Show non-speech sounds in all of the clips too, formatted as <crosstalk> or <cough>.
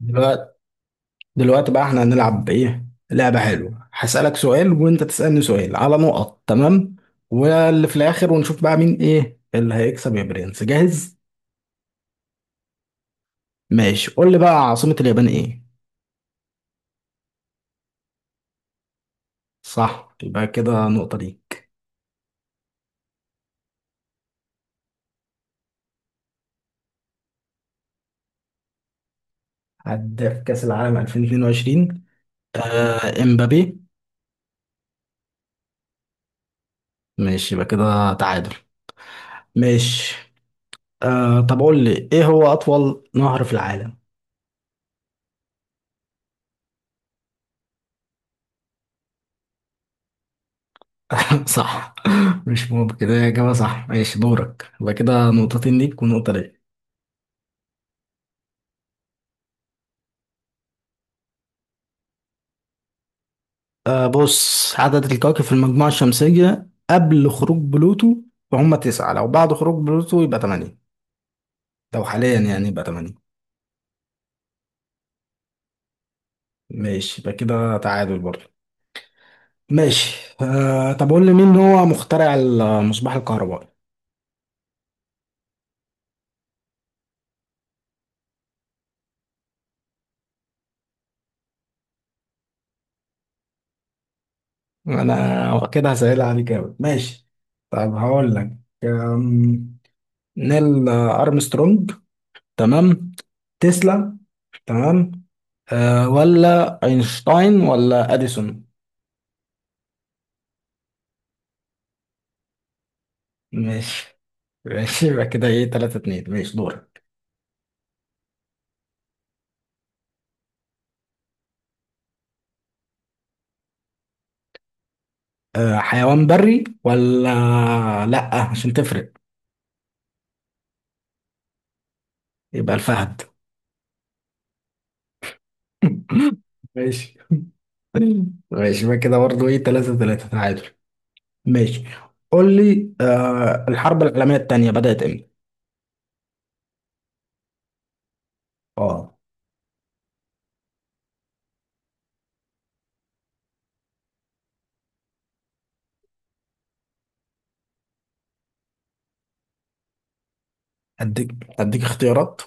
دلوقتي دلوقتي بقى احنا هنلعب بايه؟ لعبة حلوة. هسألك سؤال وانت تسألني سؤال على نقط، تمام؟ واللي في الاخر ونشوف بقى مين، ايه اللي هيكسب، يا برنس. جاهز؟ ماشي، قول لي بقى عاصمة اليابان ايه؟ صح، يبقى كده نقطة ليك. عدى في كأس العالم 2022؟ آه، امبابي. ماشي، يبقى كده تعادل. ماشي، آه طب قول لي ايه هو اطول نهر في العالم؟ <laughs> صح. مش ممكن كده يا جماعة، صح. ماشي، دورك. يبقى كده نقطتين ليك ونقطة ليا. آه بص، عدد الكواكب في المجموعة الشمسية قبل خروج بلوتو فهم تسعة. لو بعد خروج بلوتو يبقى تمانية. لو حاليا يعني يبقى تمانية. ماشي، يبقى كده تعادل برضه. ماشي، آه طب قول لي مين هو مخترع المصباح الكهربائي؟ انا كده هسهل عليك أوي، ماشي. طب هقول لك، أم، نيل أرمسترونج، تمام، تسلا، تمام، ولا اينشتاين ولا اديسون؟ ماشي ماشي، يبقى كده ايه، 3-2. ماشي، دورك. حيوان بري ولا... لا، عشان تفرق. يبقى الفهد. <laughs> ماشي ماشي، يبقى كده برضه ايه، 3-3، تعادل. ماشي، قول لي الحرب العالمية التانية بدأت امتى؟ اه، اديك اديك اختيارات.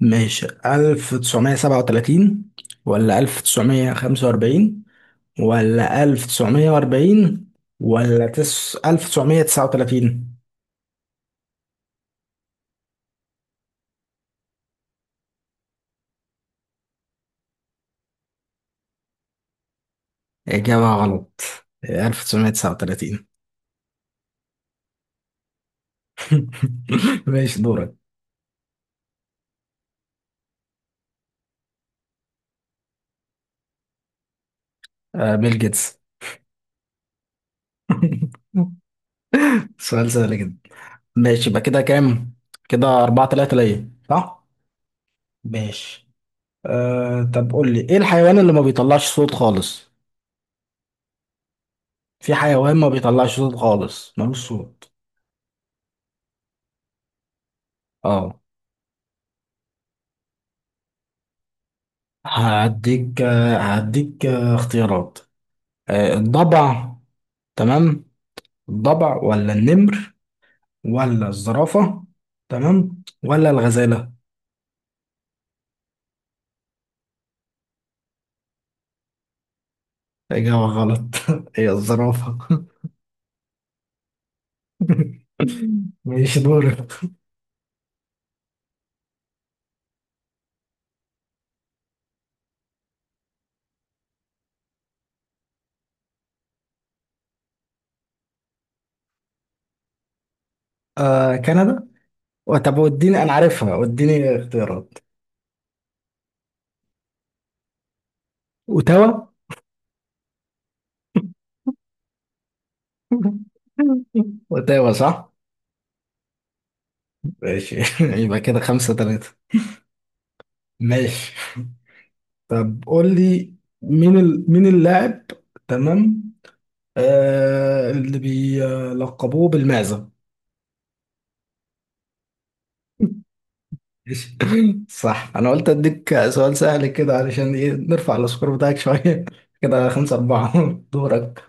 ماشي، 1937 ولا 1945 ولا 1940 ولا 1939؟ إجابة غلط. 1939. <laughs> ماشي، دورك. آه، بيل جيتس. <laughs> سؤال سهل جدا. ماشي، يبقى كده كام؟ كده 4-3 ليا، صح؟ ماشي، آه طب قول لي ايه الحيوان اللي ما بيطلعش صوت خالص؟ في حيوان ما بيطلعش صوت خالص، ملوش صوت. اه. هديك اختيارات. الضبع، تمام. الضبع ولا النمر ولا الزرافة، تمام، ولا الغزالة؟ إجابة غلط. <laughs> هي الزرافة. <laughs> ماشي، دورك. آه، كندا. طب وديني، أنا عارفها، وديني اختيارات. أوتاوا. <laughs> أوتاوا، صح. ماشي. <laughs> يبقى كده 5-3. ماشي، طب قول لي، مين اللاعب، تمام، اللي بيلقبوه بالمعزة. ماشي. <laughs> صح، انا قلت اديك سؤال سهل كده علشان ايه؟ نرفع السكور بتاعك شويه. <laughs> كده 5-4. <laughs> دورك.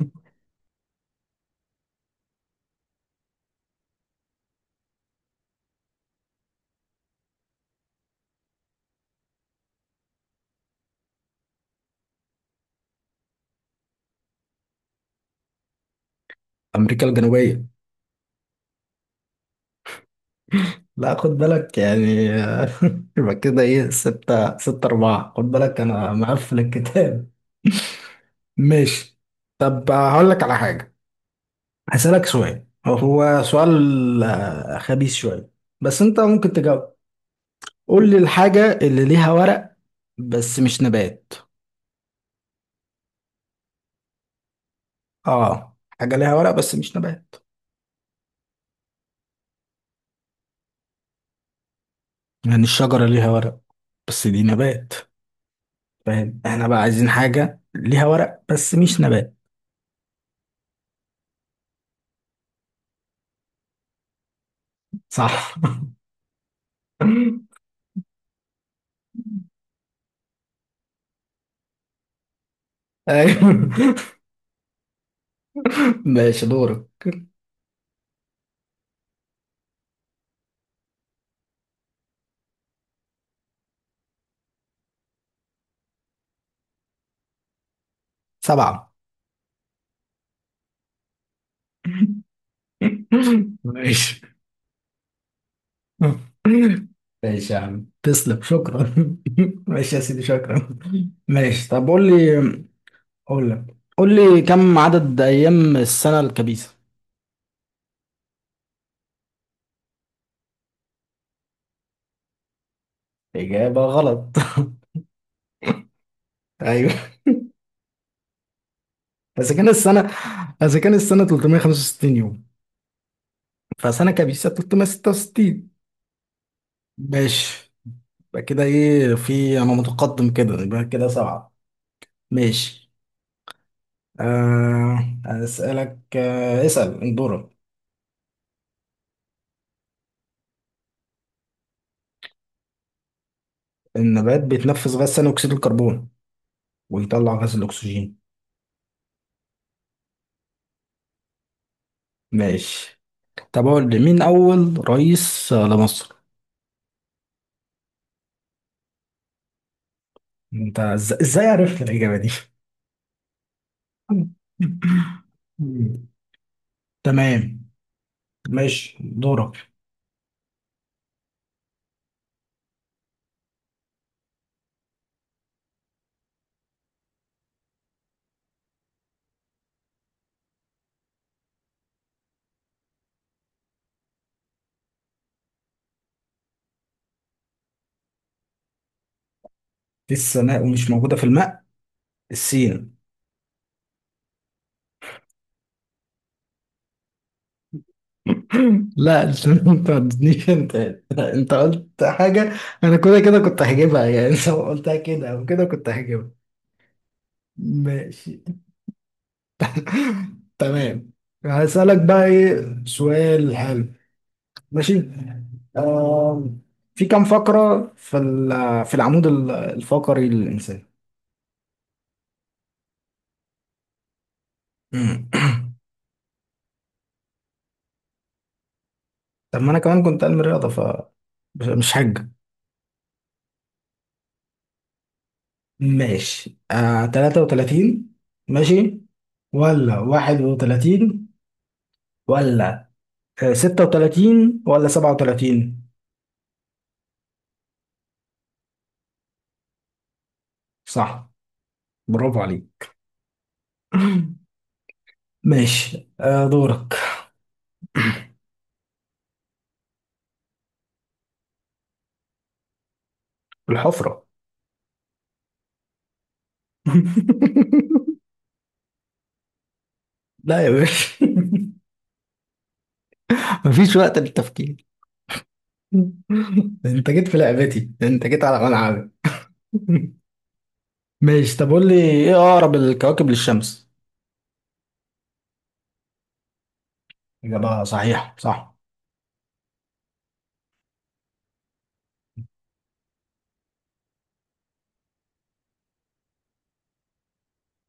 أمريكا الجنوبية. لا، خد بالك يعني. <laughs> يبقى كده إيه، ستة أربعة، خد بالك، أنا مقفل الكتاب. <laughs> ماشي. طب هقول لك على حاجة. هسألك سؤال، هو سؤال خبيث شوية، بس أنت ممكن تجاوب. قول لي الحاجة اللي ليها ورق بس مش نبات. اه، حاجة ليها ورق بس مش نبات. يعني الشجرة ليها ورق بس دي نبات. فاهم؟ احنا بقى عايزين حاجة ليها ورق بس مش نبات. صح. <laughs> ايوه، ماشي، دورك. سبعة. ماشي. ماشي يا عم، تسلم، شكرا. <laughs> ماشي يا سيدي، شكرا. ماشي، طب قول لي، كم عدد أيام السنة الكبيسة؟ إجابة غلط. <laughs> ايوه. اذا كان السنه اذا كان السنه 365 يوم، فسنة كبيسة 366. ماشي، يبقى كده ايه؟ في، انا متقدم، كده يبقى كده سبعة. ماشي. آه هسألك، اسأل اندورا. النبات بيتنفس غاز ثاني اكسيد الكربون ويطلع غاز الاكسجين. ماشي. طب اقول لي مين اول رئيس لمصر؟ انت ازاي عرفت الاجابة دي؟ <laughs> تمام. ماشي، دورك. السماء ومش موجودة في الماء. السين. لا. <laughs> ما تردنيش انت، انت قلت حاجة. انا كده كده كنت هجيبها يعني. <laughs> لو قلتها كده او كده كنت هجيبها. ماشي. <laughs> تمام. هسألك بقى ايه سؤال حلو. ماشي، آه في كم فقرة في العمود الفقري للإنسان؟ مم. <clears throat> طب ما انا كمان كنت علم رياضة مش حاجة. ماشي، آه 33. ماشي. ولا 31. ولا 36 ولا 37؟ صح، برافو عليك. <laughs> ماشي، آه، دورك. الحفرة. <laughs> لا يا باشا. <laughs> مفيش وقت للتفكير. <laughs> انت جيت في لعبتي، انت جيت على ملعبي. <laughs> ماشي، طب قول لي ايه اقرب الكواكب للشمس؟ اجابة صحيحة، صح.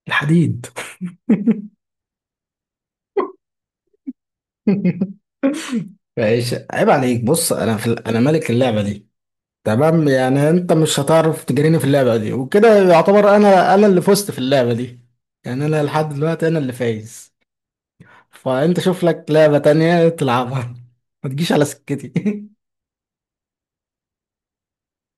الحديد. <laughs> ماشي، عيب عليك. بص، انا انا ملك اللعبة دي. تمام، يعني انت مش هتعرف تجريني في اللعبة دي، وكده يعتبر انا اللي فزت في اللعبة دي. يعني انا لحد دلوقتي انا اللي فايز. فانت شوف لك لعبة تانية تلعبها، ما تجيش على سكتي. <laughs>